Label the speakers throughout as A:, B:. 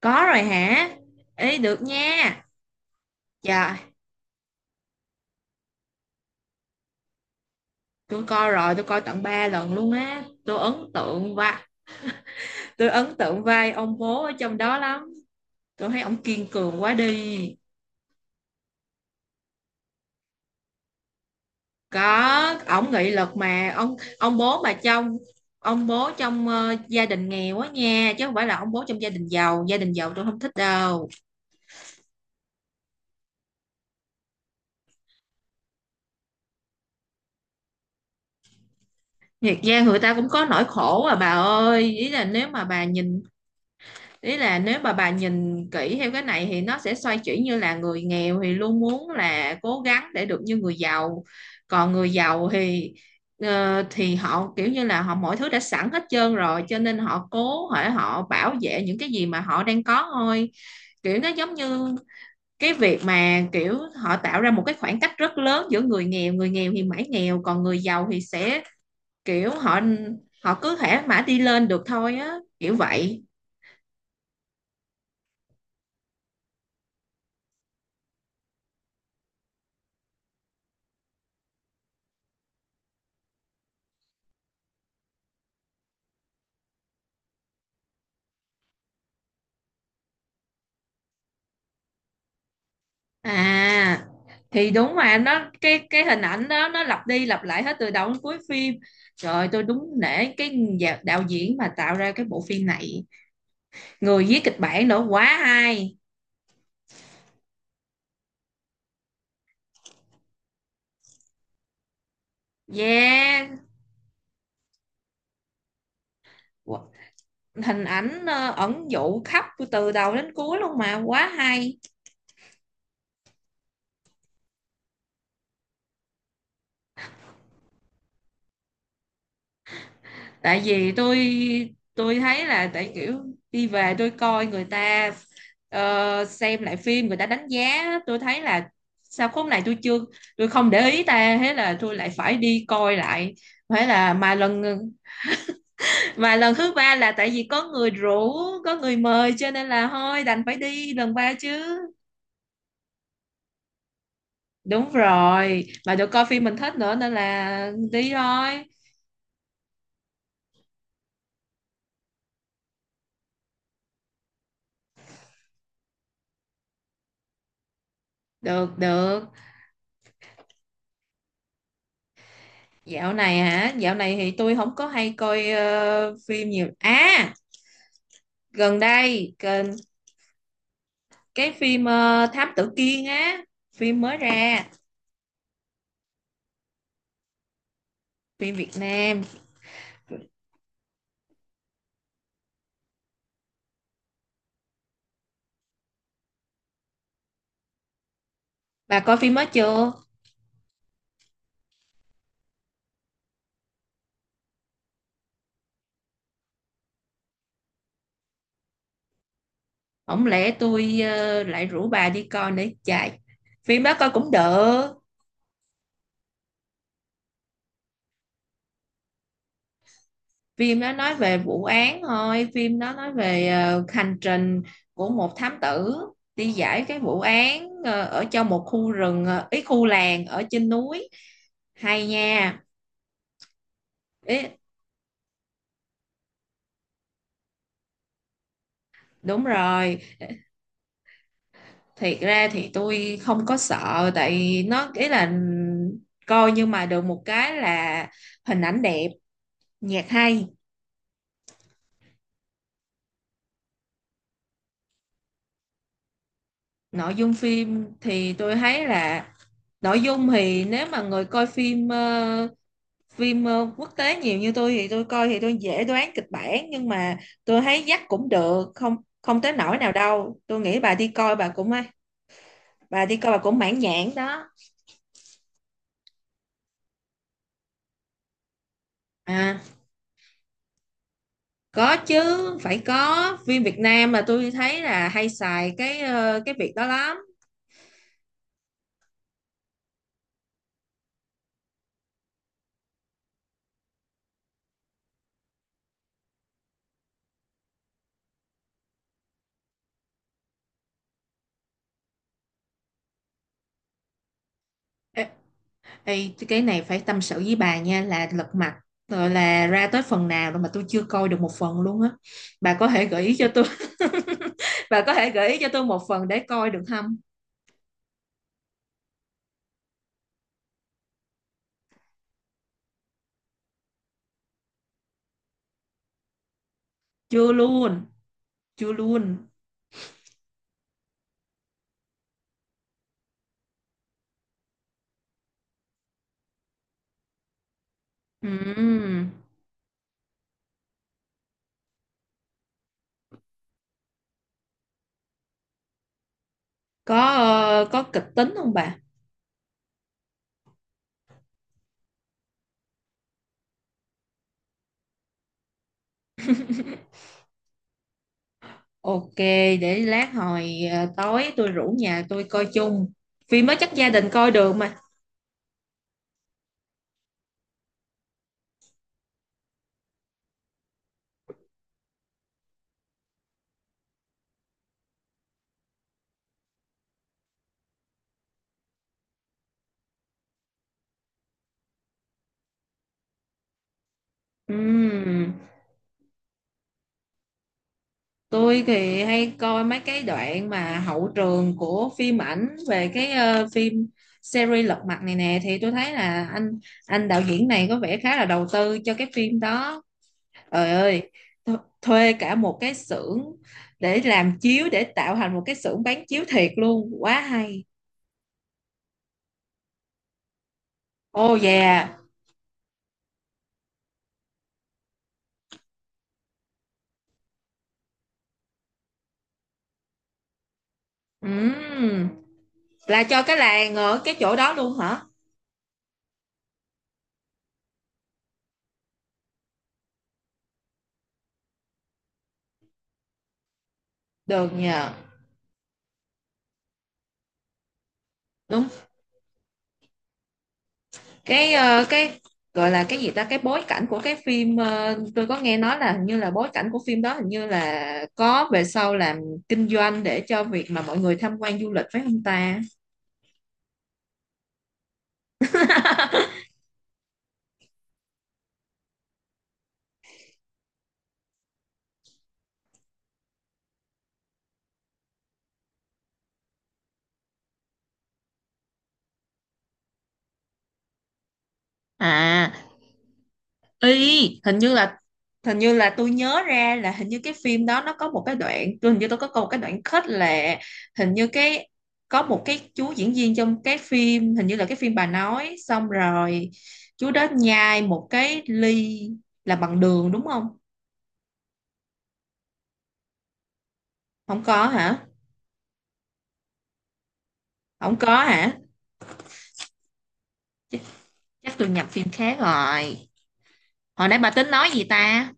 A: Có rồi hả? Ý được nha. Trời, tôi coi rồi, tôi coi tận 3 lần luôn á. Tôi ấn tượng vai ông bố ở trong đó lắm. Tôi thấy ông kiên cường quá đi. Có, ông nghị lực mà ông bố mà trong ông bố trong gia đình nghèo á nha, chứ không phải là ông bố trong gia đình giàu tôi không thích đâu. Thiệt ra người ta cũng có nỗi khổ à bà ơi, ý là nếu mà bà nhìn kỹ theo cái này thì nó sẽ xoay chuyển, như là người nghèo thì luôn muốn là cố gắng để được như người giàu, còn người giàu thì họ kiểu như là họ mọi thứ đã sẵn hết trơn rồi, cho nên họ cố hỏi họ bảo vệ những cái gì mà họ đang có thôi, kiểu nó giống như cái việc mà kiểu họ tạo ra một cái khoảng cách rất lớn giữa người nghèo, người nghèo thì mãi nghèo còn người giàu thì sẽ kiểu họ họ cứ thể mãi đi lên được thôi á kiểu vậy. À, thì đúng mà nó cái hình ảnh đó nó lặp đi lặp lại hết từ đầu đến cuối phim. Trời ơi, tôi đúng nể cái đạo diễn mà tạo ra cái bộ phim này. Người viết kịch bản nữa quá hay. Yeah. Qu- Hình ảnh ẩn dụ khắp từ đầu đến cuối luôn mà quá hay. Tại vì tôi thấy là tại kiểu, đi về tôi coi người ta xem lại phim người ta đánh giá, tôi thấy là sao khúc này tôi không để ý ta, thế là tôi lại phải đi coi lại. Thế là mà lần Mà lần thứ ba là tại vì có người rủ, có người mời cho nên là thôi đành phải đi lần ba chứ. Đúng rồi mà được coi phim mình thích nữa nên là đi thôi. Được được. Dạo này hả? Dạo này thì tôi không có hay coi phim nhiều. À, gần đây gần cái phim Thám Tử Kiên á, phim mới ra, phim Việt Nam. Bà coi phim mới chưa? Không lẽ tôi lại rủ bà đi coi nữa chạy. Phim đó coi cũng được. Phim đó nói về vụ án thôi, phim đó nói về hành trình của một thám tử đi giải cái vụ án ở trong một khu rừng, ý khu làng ở trên núi. Hay nha. Ý, đúng rồi, thiệt ra thì tôi không có sợ tại nó ý là, coi nhưng mà được một cái là hình ảnh đẹp, nhạc hay, nội dung phim thì tôi thấy là nội dung thì nếu mà người coi phim quốc tế nhiều như tôi thì tôi coi thì tôi dễ đoán kịch bản, nhưng mà tôi thấy dắt cũng được, không không tới nỗi nào đâu. Tôi nghĩ bà đi coi bà cũng mãn nhãn đó. À. Có chứ, phải có. Phim Việt Nam là tôi thấy là hay xài cái việc đó lắm. Ê, ê, cái này phải tâm sự với bà nha, là lật mặt rồi là ra tới phần nào rồi mà tôi chưa coi được một phần luôn á. Bà có thể gợi ý cho tôi, bà có thể gợi ý cho tôi một phần để coi được không? Chưa luôn, chưa luôn. Ừm. Có có kịch tính không bà? Ok, để lát hồi tối tôi rủ nhà tôi coi chung. Phim mới chắc gia đình coi được mà. Ừm. Tôi thì hay coi mấy cái đoạn mà hậu trường của phim ảnh về phim series Lật Mặt này nè, thì tôi thấy là anh đạo diễn này có vẻ khá là đầu tư cho cái phim đó. Trời ơi, th thuê cả một cái xưởng để làm chiếu, để tạo thành một cái xưởng bán chiếu thiệt luôn, quá hay. Oh yeah. Ừm, là cho cái làng ở cái chỗ đó luôn hả? Được nhờ. Đúng, cái gọi là cái gì ta, cái bối cảnh của cái phim, tôi có nghe nói là hình như là bối cảnh của phim đó, hình như là có về sau làm kinh doanh để cho việc mà mọi người tham quan du lịch phải không ta? À, y hình như là tôi nhớ ra là hình như cái phim đó nó có một cái đoạn, tôi hình như tôi có một cái đoạn kết là, hình như cái, có một cái chú diễn viên trong cái phim, hình như là cái phim bà nói, xong rồi chú đó nhai một cái ly là bằng đường đúng không? Không có hả? Không có hả? Chắc, chắc tôi nhập phim khác rồi. Hồi nãy bà tính nói gì ta?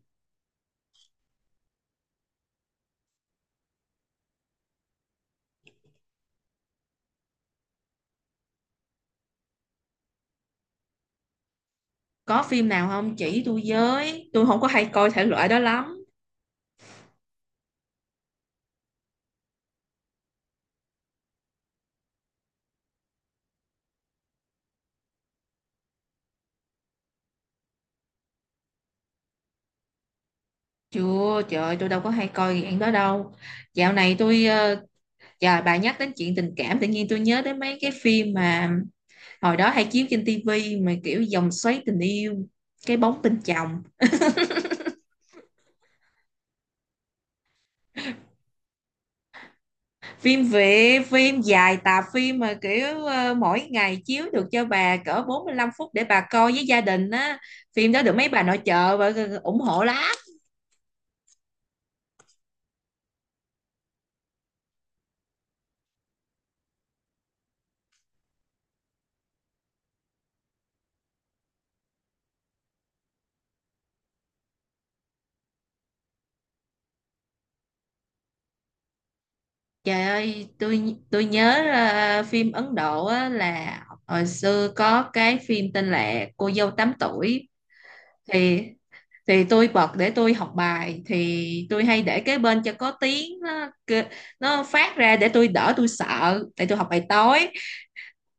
A: Có phim nào không chỉ tôi với, tôi không có hay coi thể loại đó lắm. Chưa, trời ơi, tôi đâu có hay coi dạng đó đâu, dạo này tôi trời bà nhắc đến chuyện tình cảm tự nhiên tôi nhớ đến mấy cái phim mà hồi đó hay chiếu trên tivi, mà kiểu vòng xoáy tình yêu, cái bóng bên chồng. Phim Việt, phim dài tạp phim mà kiểu mỗi ngày chiếu được cho bà cỡ 45 phút để bà coi với gia đình á. Phim đó được mấy bà nội trợ và ủng hộ lắm. Trời ơi, tôi nhớ phim Ấn Độ á, là hồi xưa có cái phim tên là Cô dâu tám tuổi, thì thì tôi bật để tôi học bài, thì tôi hay để kế bên cho có tiếng nó, nó phát ra để tôi đỡ tôi sợ để tôi học bài tối,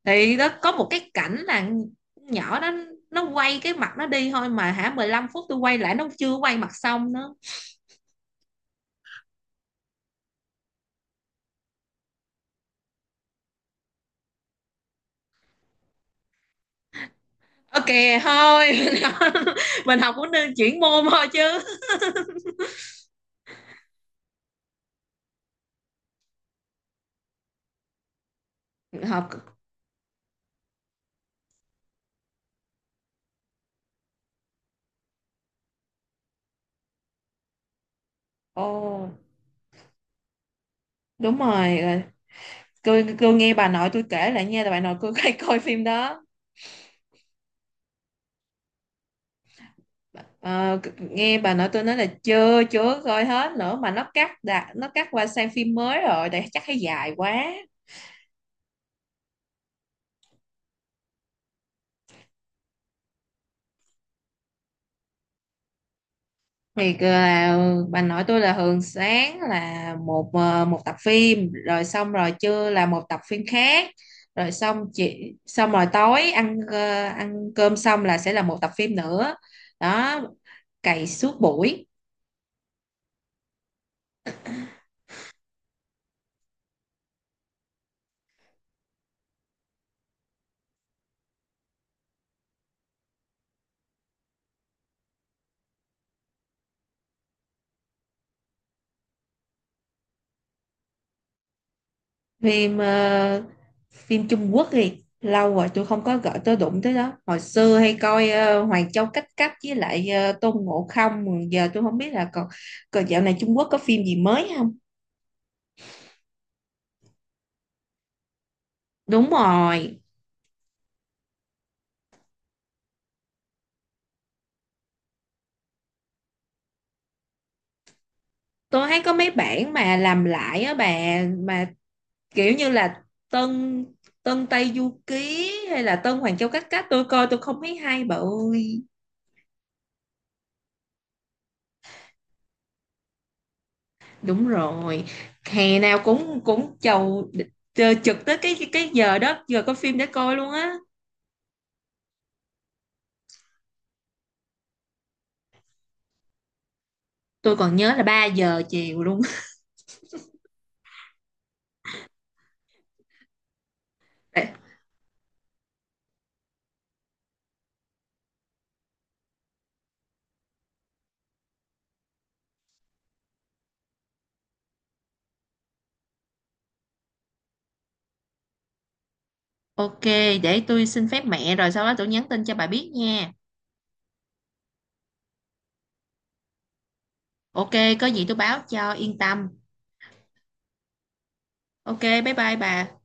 A: thì đó có một cái cảnh là, nhỏ đó nó quay cái mặt nó đi thôi mà hả, 15 phút tôi quay lại nó chưa quay mặt xong nữa. Ok thôi, mình học cũng nên chuyển môn thôi chứ. Học. Ồ oh, đúng rồi, tôi nghe bà nội tôi kể lại nha, bà nội tôi hay coi phim đó. Ờ, nghe bà nội tôi nói là chưa chưa coi hết nữa, mà nó cắt đã, nó cắt qua sang phim mới rồi, để chắc thấy dài quá. Thì là bà nội tôi là thường sáng là một một tập phim, rồi xong rồi trưa là một tập phim khác, rồi xong chị xong rồi tối ăn ăn cơm xong là sẽ là một tập phim nữa, đó, cày suốt buổi. Phim ờ, phim Trung Quốc thì lâu rồi tôi không có gọi tôi đụng tới đó, hồi xưa hay coi Hoàng Châu Cách Cách với lại Tôn Ngộ Không, giờ tôi không biết là còn, còn dạo này Trung Quốc có phim gì mới không. Đúng rồi, tôi thấy có mấy bản mà làm lại á bà, mà kiểu như là Tân Tân Tây Du Ký hay là Tân Hoàng Châu Cách Cách, tôi coi tôi không thấy hay bà ơi. Đúng rồi, hè nào cũng cũng chầu chờ trực tới cái giờ đó, giờ có phim để coi luôn á. Tôi còn nhớ là 3 giờ chiều luôn. Ok, để tôi xin phép mẹ rồi sau đó tôi nhắn tin cho bà biết nha. Ok, có gì tôi báo cho yên tâm. Ok, bye bye bà.